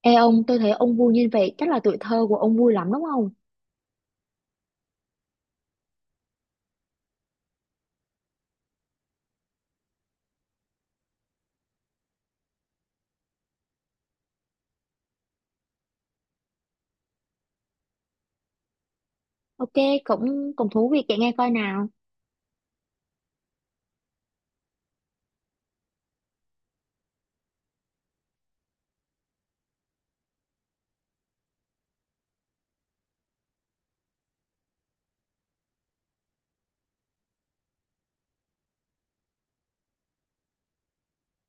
Ê ông, tôi thấy ông vui như vậy, chắc là tuổi thơ của ông vui lắm đúng không? Ok, cũng cũng thú vị kể nghe coi nào.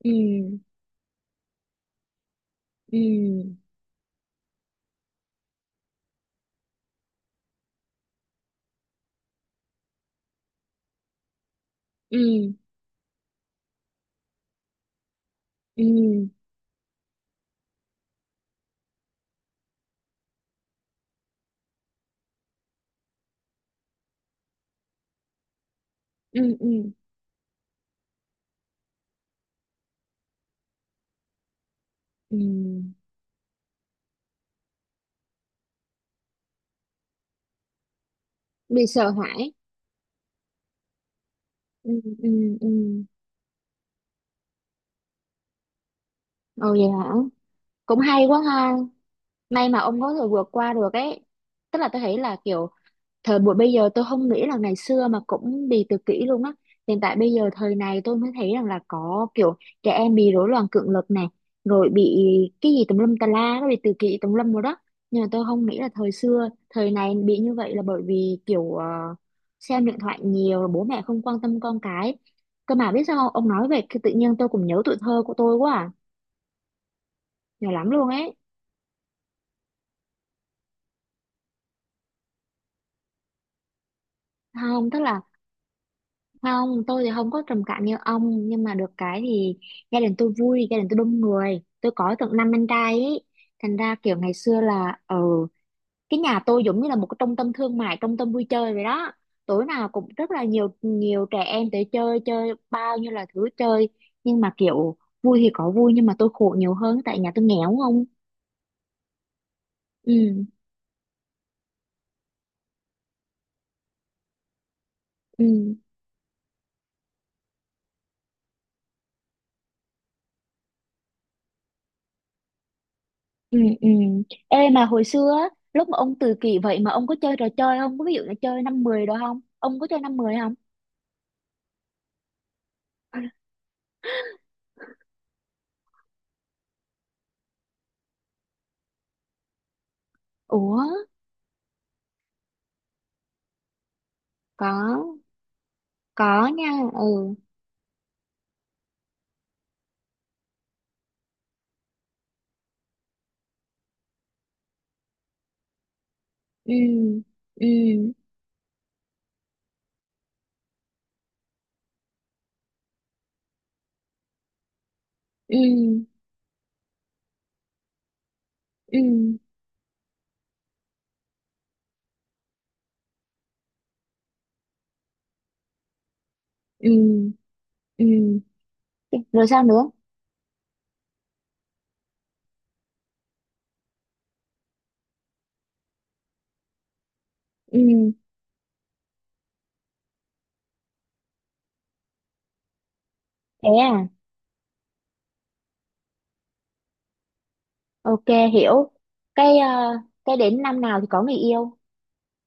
Ừ, ừ, ừ, ừ, ừ, ừ, ừ. Bị sợ hãi. Ừ, ừ, ừ. Ồ vậy hả? Cũng hay quá ha. May mà ông có thể vượt qua được ấy. Tức là tôi thấy là kiểu thời buổi bây giờ tôi không nghĩ là ngày xưa mà cũng đi tự kỷ luôn á, hiện tại bây giờ thời này tôi mới thấy rằng là có kiểu trẻ em bị rối loạn cưỡng lực này, rồi bị cái gì tùm lum tà la, nó bị tự kỷ tùm lum rồi đó. Nhưng mà tôi không nghĩ là thời xưa thời này bị như vậy là bởi vì kiểu xem điện thoại nhiều, bố mẹ không quan tâm con cái. Cơ mà biết sao không? Ông nói vậy cái tự nhiên tôi cũng nhớ tuổi thơ của tôi quá à, nhiều lắm luôn ấy. Không tức là, không, tôi thì không có trầm cảm như ông. Nhưng mà được cái thì gia đình tôi vui, gia đình tôi đông người. Tôi có tận năm anh trai ấy. Thành ra kiểu ngày xưa là ừ, cái nhà tôi giống như là một cái trung tâm thương mại, trung tâm vui chơi vậy đó. Tối nào cũng rất là nhiều nhiều trẻ em tới chơi, chơi bao nhiêu là thứ chơi. Nhưng mà kiểu vui thì có vui, nhưng mà tôi khổ nhiều hơn tại nhà tôi nghèo không. Ừ, ừ, ừ, ừ. Ê mà hồi xưa á, lúc mà ông tự kỷ vậy mà ông có chơi trò chơi không? Có ví dụ là chơi năm mười đó không? Ông có chơi năm mười không? Ủa, có, có nha, ừ, ừ, ừ, ừ, ừ, ừ, ừ. Rồi sao nữa? Ừ, thế à, ok, hiểu. Cái, ờ, cái đến năm nào thì có người yêu?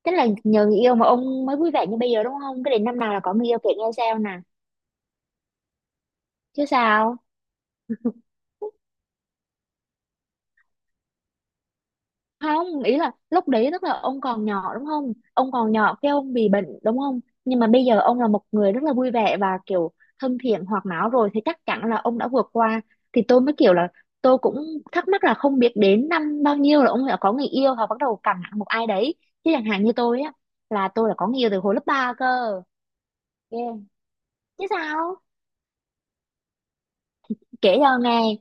Tức là nhờ người yêu mà ông mới vui vẻ như bây giờ đúng không? Cái đến năm nào là có người yêu kể nghe sao nè. Chứ sao? Không, ý là lúc đấy tức là ông còn nhỏ đúng không, ông còn nhỏ cái ông bị bệnh đúng không, nhưng mà bây giờ ông là một người rất là vui vẻ và kiểu thân thiện hoạt náo, rồi thì chắc chắn là ông đã vượt qua. Thì tôi mới kiểu là tôi cũng thắc mắc là không biết đến năm bao nhiêu là ông đã có người yêu hoặc bắt đầu cằn nhằn một ai đấy. Chứ chẳng hạn như tôi á, là tôi là có người yêu từ hồi lớp 3 cơ. Ghê. Chứ sao, kể cho nghe.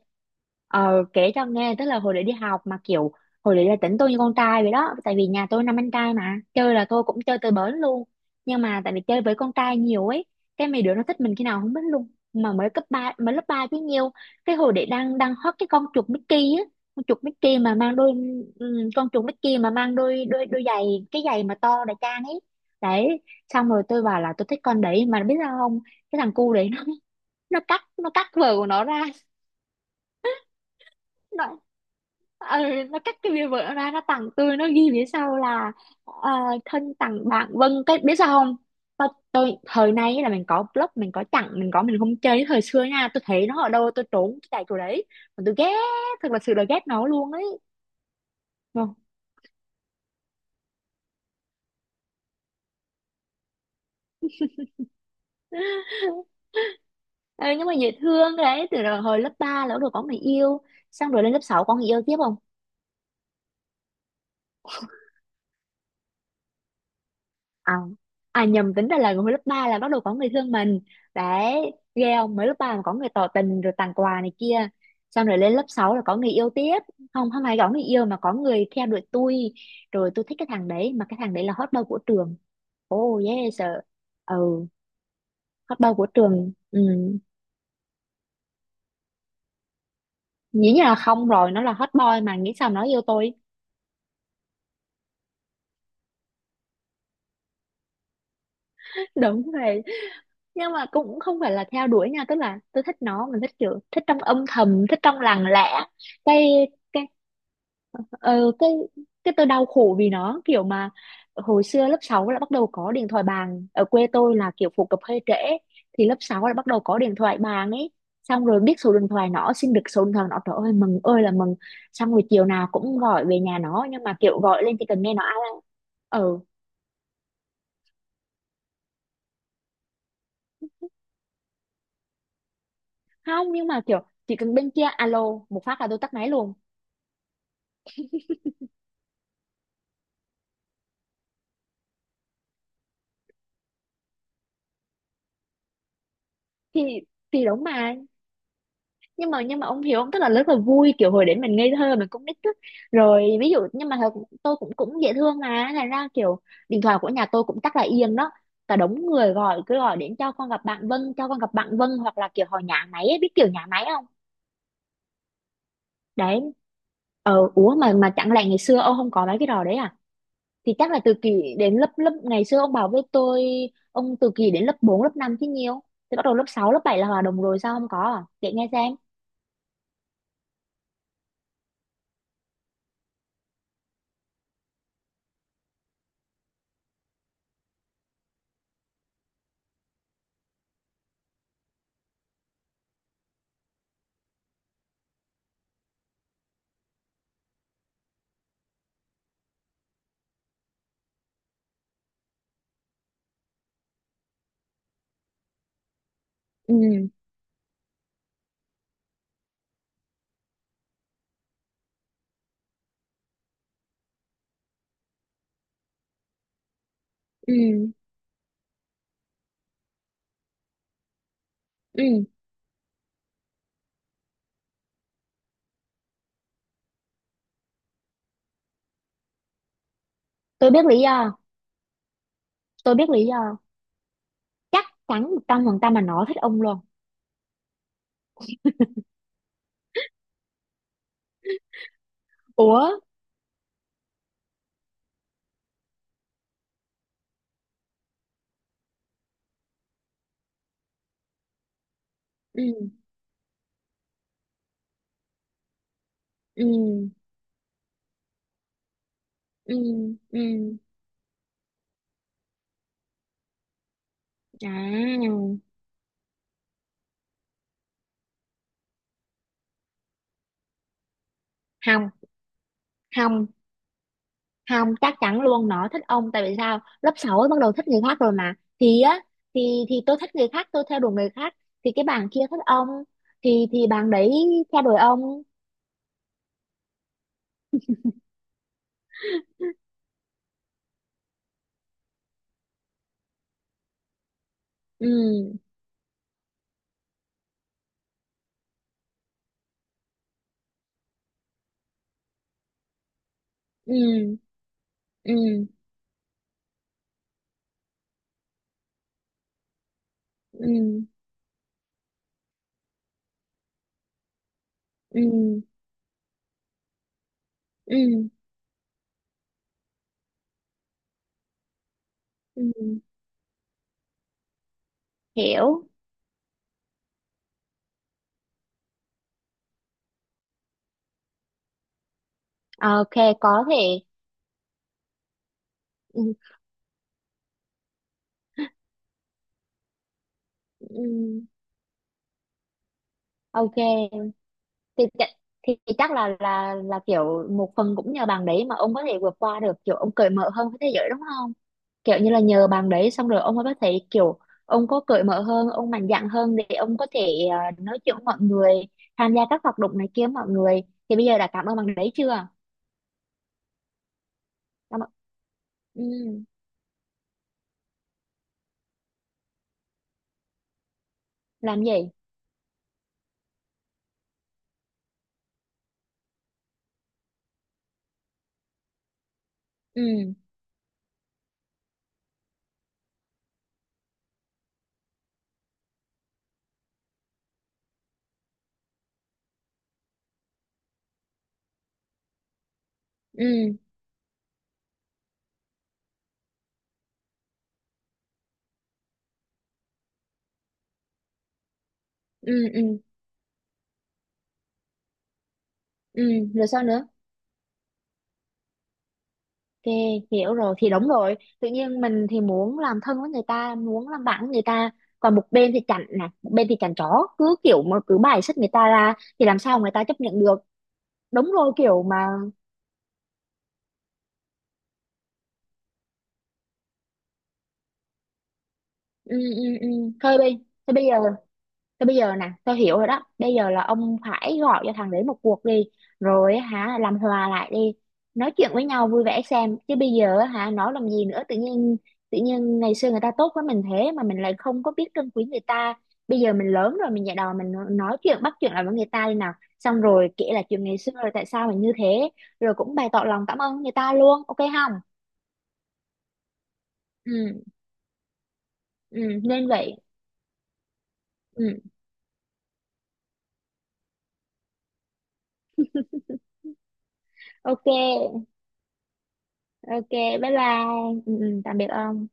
Ờ kể cho nghe, tức là hồi để đi học mà kiểu hồi để là tính tôi như con trai vậy đó, tại vì nhà tôi năm anh trai mà chơi là tôi cũng chơi tới bến luôn. Nhưng mà tại vì chơi với con trai nhiều ấy, cái mấy đứa nó thích mình khi nào không biết luôn, mà mới cấp 3, mới lớp 3 chứ nhiều. Cái hồi để đang đang hot cái con chuột Mickey á, con chuột Mickey mà mang đôi, con chuột Mickey mà mang đôi đôi đôi giày, cái giày mà to đại trang ấy. Đấy, xong rồi tôi bảo là tôi thích con đấy mà biết sao không. Cái thằng cu đấy nó nó cắt vợ của nó ra, nó ờ, nó cắt cái bìa vợ ra nó tặng tôi, nó ghi phía sau là ờ, thân tặng bạn Vân cái biết sao không. Tôi thời nay là mình có blog, mình có chặn, mình có mình không chơi, thời xưa nha tôi thấy nó ở đâu tôi trốn, tôi chạy chỗ đấy mà tôi ghét, thật là sự là ghét nó luôn ấy. Vâng. Ờ, nhưng mà dễ thương đấy, từ rồi hồi lớp 3 là bắt đầu có người yêu, xong rồi lên lớp 6 có người yêu tiếp không? À, à nhầm, tính ra là hồi lớp 3 là bắt đầu có người thương mình. Đấy ghê không, mới lớp 3 mà có người tỏ tình rồi tặng quà này kia. Xong rồi lên lớp 6 là có người yêu tiếp. Không, không ai có người yêu mà có người theo đuổi tôi. Rồi tôi thích cái thằng đấy, mà cái thằng đấy là hot boy của trường. Oh yes sir. Ừ, hot boy của trường. Ừ, nghĩ như là không rồi, nó là hot boy mà nghĩ sao nó yêu tôi. Đúng rồi. Nhưng mà cũng không phải là theo đuổi nha, tức là tôi thích nó, mình thích kiểu thích trong âm thầm, thích trong lặng lẽ. Cái ờ, cái cái tôi đau khổ vì nó kiểu mà hồi xưa lớp 6 là bắt đầu có điện thoại bàn, ở quê tôi là kiểu phổ cập hơi trễ. Thì lớp 6 là bắt đầu có điện thoại bàn ấy. Xong rồi biết số điện thoại nó, xin được số điện thoại nó, trời ơi mừng ơi là mừng. Xong rồi chiều nào cũng gọi về nhà nó, nhưng mà kiểu gọi lên chỉ cần nghe nó alo, ừ. Không, nhưng mà kiểu chỉ cần bên kia alo một phát là tôi tắt máy luôn. Thì thì đúng mà. Nhưng mà ông hiểu không, tức là rất là vui kiểu hồi đấy mình ngây thơ, mình cũng nít á. Rồi ví dụ nhưng mà thật tôi cũng cũng dễ thương mà, thành ra kiểu điện thoại của nhà tôi cũng chắc là yên đó. Cả đống người gọi, cứ gọi đến cho con gặp bạn Vân, cho con gặp bạn Vân, hoặc là kiểu họ nhã máy ấy, biết kiểu nhã máy không. Đấy. Ờ ủa, mà chẳng lẽ ngày xưa ông không có mấy cái trò đấy à? Thì chắc là từ kỳ đến lớp lớp ngày xưa ông bảo với tôi ông từ kỳ đến lớp 4 lớp 5 chứ nhiều. Thì bắt đầu lớp sáu lớp 7 là hòa đồng rồi, sao không có à, kể nghe xem. Ừ, ừ, ừ. Tôi biết lý do. Tôi biết lý do, chắc chắn 100% mà nó thích ông luôn. Ủa. Ừ, ừ, ừ, ừ. À, không, không, không, chắc chắn luôn nó thích ông, tại vì sao lớp 6 bắt đầu thích người khác rồi mà. Thì á, thì tôi thích người khác, tôi theo đuổi người khác. Thì cái bạn kia thích ông, thì bạn đấy theo đuổi ông. Ừ, ừ, ừ, ừ, ừ, ừ, ừ, hiểu. Ok, có thể. Ừ, ừm, ok, thì, thì chắc là kiểu một phần cũng nhờ bạn đấy mà ông có thể vượt qua được, kiểu ông cởi mở hơn với thế giới đúng không. Kiểu như là nhờ bạn đấy xong rồi ông mới có thể kiểu ông có cởi mở hơn, ông mạnh dạn hơn để ông có thể nói chuyện với mọi người, tham gia các hoạt động này kia với mọi người. Thì bây giờ đã cảm ơn bạn đấy chưa? Cảm ơn. Ừm, làm gì. Ừ, ừ, ừ, ừ, ừ. Rồi sao nữa? Ok, hiểu rồi. Thì đúng rồi, tự nhiên mình thì muốn làm thân với người ta, muốn làm bạn với người ta. Còn một bên thì chảnh nè, một bên thì chảnh chó cứ kiểu mà cứ bài xích người ta ra, thì làm sao người ta chấp nhận được. Đúng rồi kiểu mà. Ừ, ừ, ừ. Thôi bây giờ thế bây giờ nè, tao hiểu rồi đó. Bây giờ là ông phải gọi cho thằng đấy một cuộc đi. Rồi á hả, làm hòa lại đi. Nói chuyện với nhau vui vẻ xem. Chứ bây giờ á hả, nói làm gì nữa. Tự nhiên ngày xưa người ta tốt với mình thế mà mình lại không có biết trân quý người ta. Bây giờ mình lớn rồi, mình dạy đò, mình nói chuyện, bắt chuyện lại với người ta đi nào. Xong rồi kể là chuyện ngày xưa rồi tại sao mình như thế. Rồi cũng bày tỏ lòng cảm ơn người ta luôn. Ok không? Ừ, ừ, nên vậy. Ừ, ok, ok, bye bye. Ừ, ừ, tạm biệt ông.